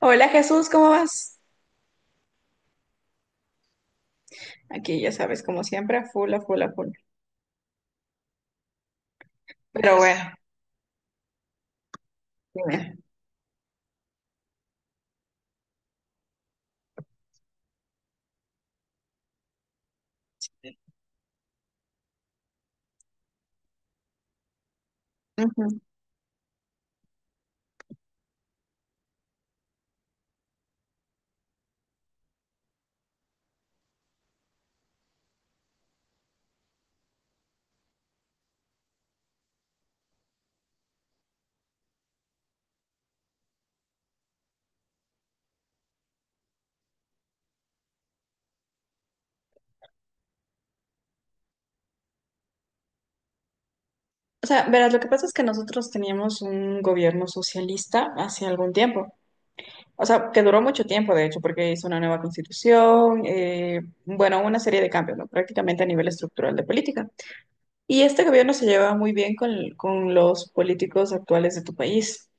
Hola, Jesús, ¿cómo vas? Aquí ya sabes, como siempre, a full, a full, a full. Pero bueno, dime. Ujú. O sea, verás, lo que pasa es que nosotros teníamos un gobierno socialista hace algún tiempo. O sea, que duró mucho tiempo, de hecho, porque hizo una nueva constitución, bueno, una serie de cambios, ¿no? Prácticamente a nivel estructural de política. Y este gobierno se lleva muy bien con los políticos actuales de tu país,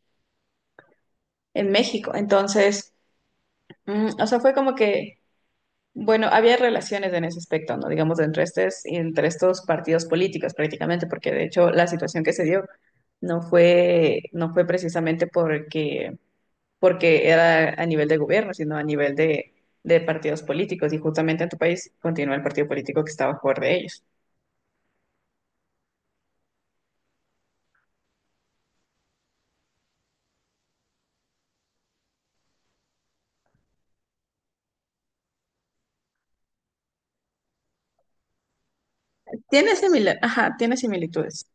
en México. Entonces, o sea, fue como que, bueno, había relaciones en ese aspecto, ¿no? Digamos, entre estos partidos políticos prácticamente, porque de hecho la situación que se dio no fue precisamente porque era a nivel de gobierno, sino a nivel de partidos políticos. Y justamente en tu país continúa el partido político que está a favor de ellos. Ajá, tiene similitudes.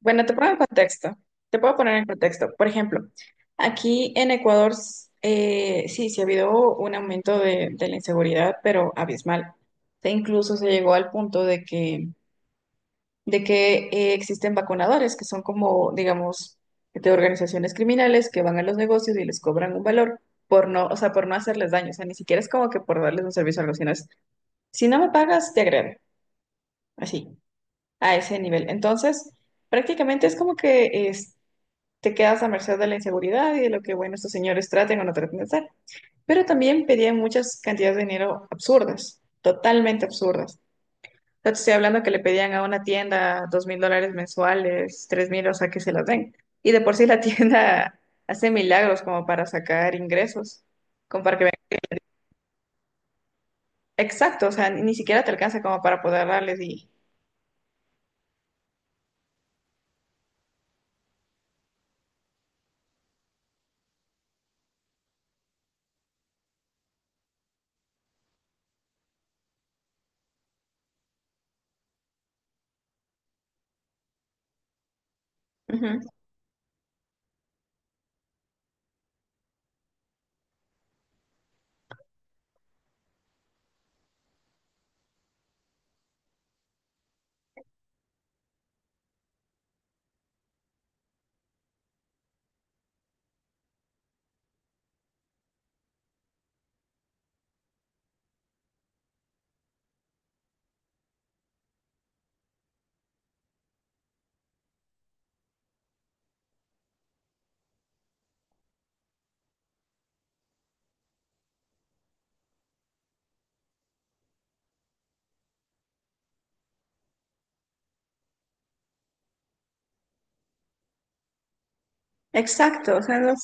Bueno, te pongo en contexto. Te puedo poner en contexto. Por ejemplo, aquí en Ecuador, sí, sí ha habido un aumento de la inseguridad, pero abismal. E incluso se llegó al punto de que existen vacunadores, que son como, digamos, de organizaciones criminales que van a los negocios y les cobran un valor por no, o sea, por no hacerles daño. O sea, ni siquiera es como que por darles un servicio a los sino es, si no me pagas, te agredo. Así, a ese nivel. Entonces, prácticamente es como que... es te quedas a merced de la inseguridad y de lo que, bueno, estos señores traten o no traten de hacer. Pero también pedían muchas cantidades de dinero absurdas, totalmente absurdas. O sea, te estoy hablando que le pedían a una tienda $2,000 mensuales, 3,000, o sea, que se los den. Y de por sí la tienda hace milagros como para sacar ingresos, como para que vengan. Exacto, o sea, ni siquiera te alcanza como para poder darles Ujú. Exacto, o sea, no.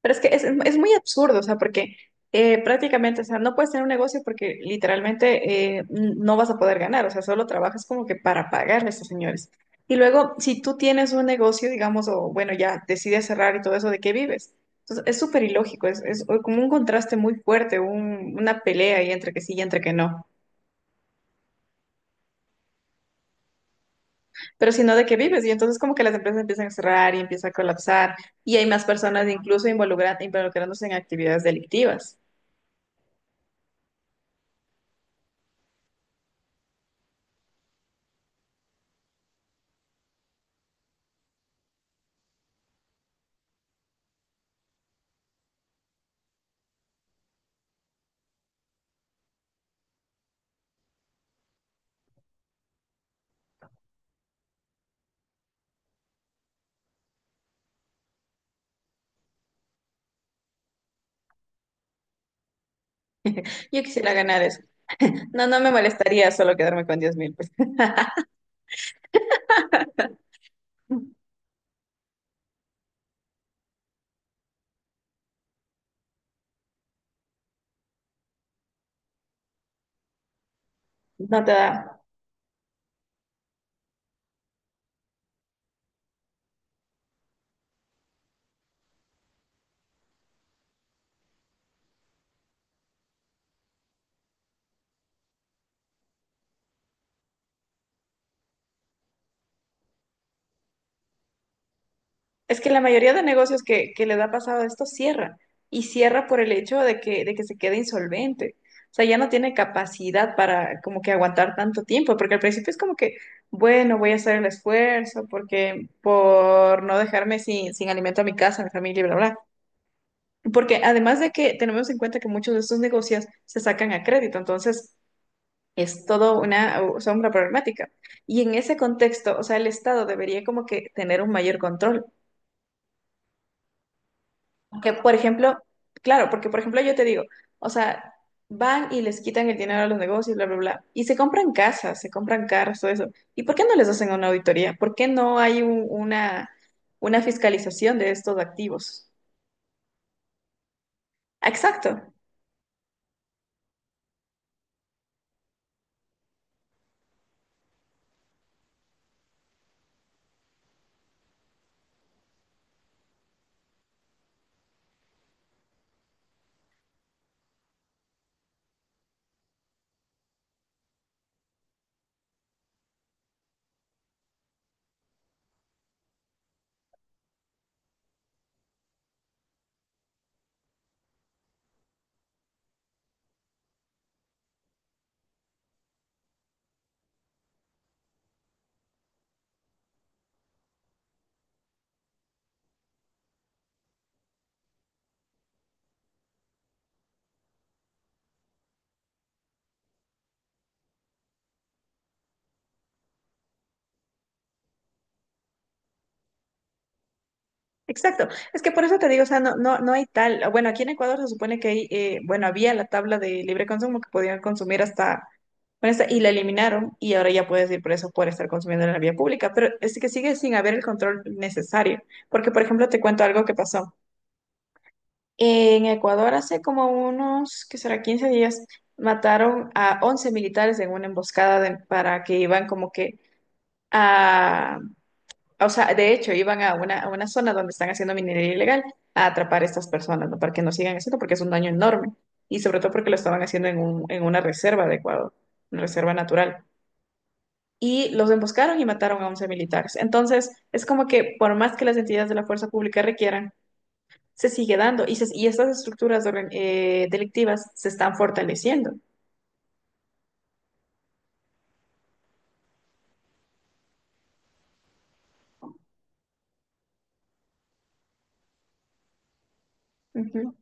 Pero es que es muy absurdo, o sea, porque prácticamente, o sea, no puedes tener un negocio porque literalmente no vas a poder ganar, o sea, solo trabajas como que para pagarle a estos señores. Y luego, si tú tienes un negocio, digamos, o bueno, ya decides cerrar y todo eso, ¿de qué vives? Entonces, es súper ilógico, es como un contraste muy fuerte, una pelea ahí entre que sí y entre que no. Pero si no, ¿de qué vives? Y entonces como que las empresas empiezan a cerrar y empieza a colapsar y hay más personas incluso involucrándose en actividades delictivas. Yo quisiera ganar eso. No, no me molestaría solo quedarme con 10,000. Pues. No te da. Es que la mayoría de negocios que les ha pasado esto cierra. Y cierra por el hecho de que se quede insolvente. O sea, ya no tiene capacidad para como que aguantar tanto tiempo, porque al principio es como que, bueno, voy a hacer el esfuerzo porque por no dejarme sin alimento a mi casa, a mi familia, y bla, bla. Porque además de que tenemos en cuenta que muchos de estos negocios se sacan a crédito, entonces es todo una, o sea, una problemática. Y en ese contexto, o sea, el Estado debería como que tener un mayor control. Que, por ejemplo, claro, porque, por ejemplo, yo te digo, o sea, van y les quitan el dinero a los negocios, bla, bla, bla, y se compran casas, se compran carros, todo eso. ¿Y por qué no les hacen una auditoría? ¿Por qué no hay una fiscalización de estos activos? Exacto. Exacto, es que por eso te digo, o sea, no, no, no hay tal, bueno, aquí en Ecuador se supone que hay, bueno, había la tabla de libre consumo que podían consumir hasta, bueno, y la eliminaron y ahora ya puedes ir preso por estar consumiendo en la vía pública, pero es que sigue sin haber el control necesario, porque por ejemplo te cuento algo que pasó. En Ecuador hace como unos, ¿qué será? 15 días, mataron a 11 militares en una emboscada para que iban como que a, o sea, de hecho, iban a una zona donde están haciendo minería ilegal a atrapar a estas personas, ¿no? Para que no sigan haciendo, porque es un daño enorme. Y sobre todo porque lo estaban haciendo en en una reserva de Ecuador, una reserva natural. Y los emboscaron y mataron a 11 militares. Entonces, es como que por más que las entidades de la fuerza pública requieran, se sigue dando. Y, y estas estructuras de delictivas se están fortaleciendo. Ujú.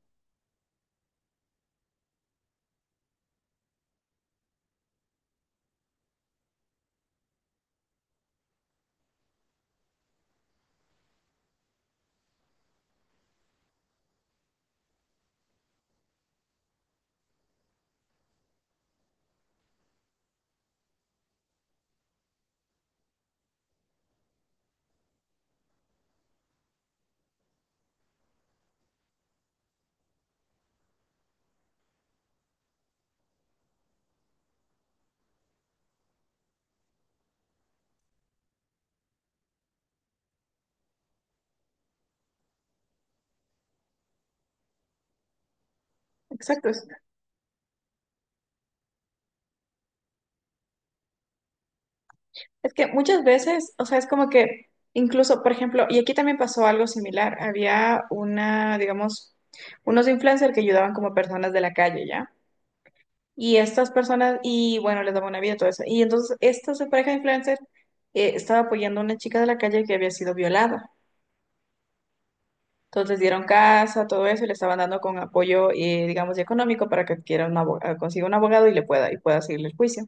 Exacto. Es que muchas veces, o sea, es como que incluso, por ejemplo, y aquí también pasó algo similar, había una, digamos, unos influencers que ayudaban como personas de la calle, ¿ya? Y estas personas, y bueno, les daban una vida, todo eso. Y entonces, esta pareja de influencers estaba apoyando a una chica de la calle que había sido violada. Entonces, les dieron casa, todo eso, y le estaban dando con apoyo, digamos, y económico para que adquiera consiga un abogado y le pueda, y pueda seguirle el juicio.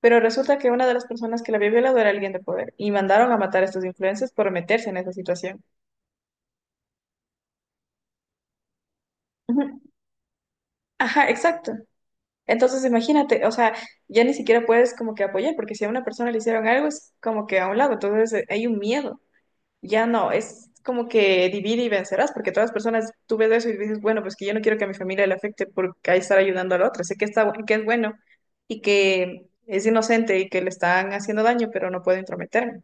Pero resulta que una de las personas que la había violado era alguien de poder y mandaron a matar a estos influencers por meterse en esa situación. Ujú. Ajá, exacto. Entonces imagínate, o sea, ya ni siquiera puedes como que apoyar, porque si a una persona le hicieron algo es como que a un lado, entonces hay un miedo. Ya no, es como que divide y vencerás, porque todas las personas, tú ves eso y dices, bueno, pues que yo no quiero que a mi familia le afecte por ahí estar ayudando a la otra. Sé que está, que es bueno y que es inocente y que le están haciendo daño, pero no puedo intrometerme.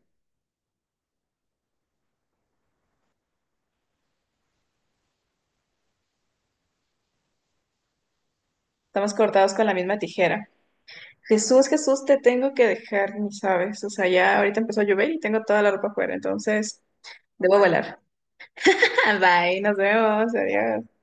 Estamos cortados con la misma tijera. Jesús, Jesús, te tengo que dejar, ni sabes. O sea, ya ahorita empezó a llover y tengo toda la ropa afuera, entonces debo volar. Bye, nos vemos, adiós.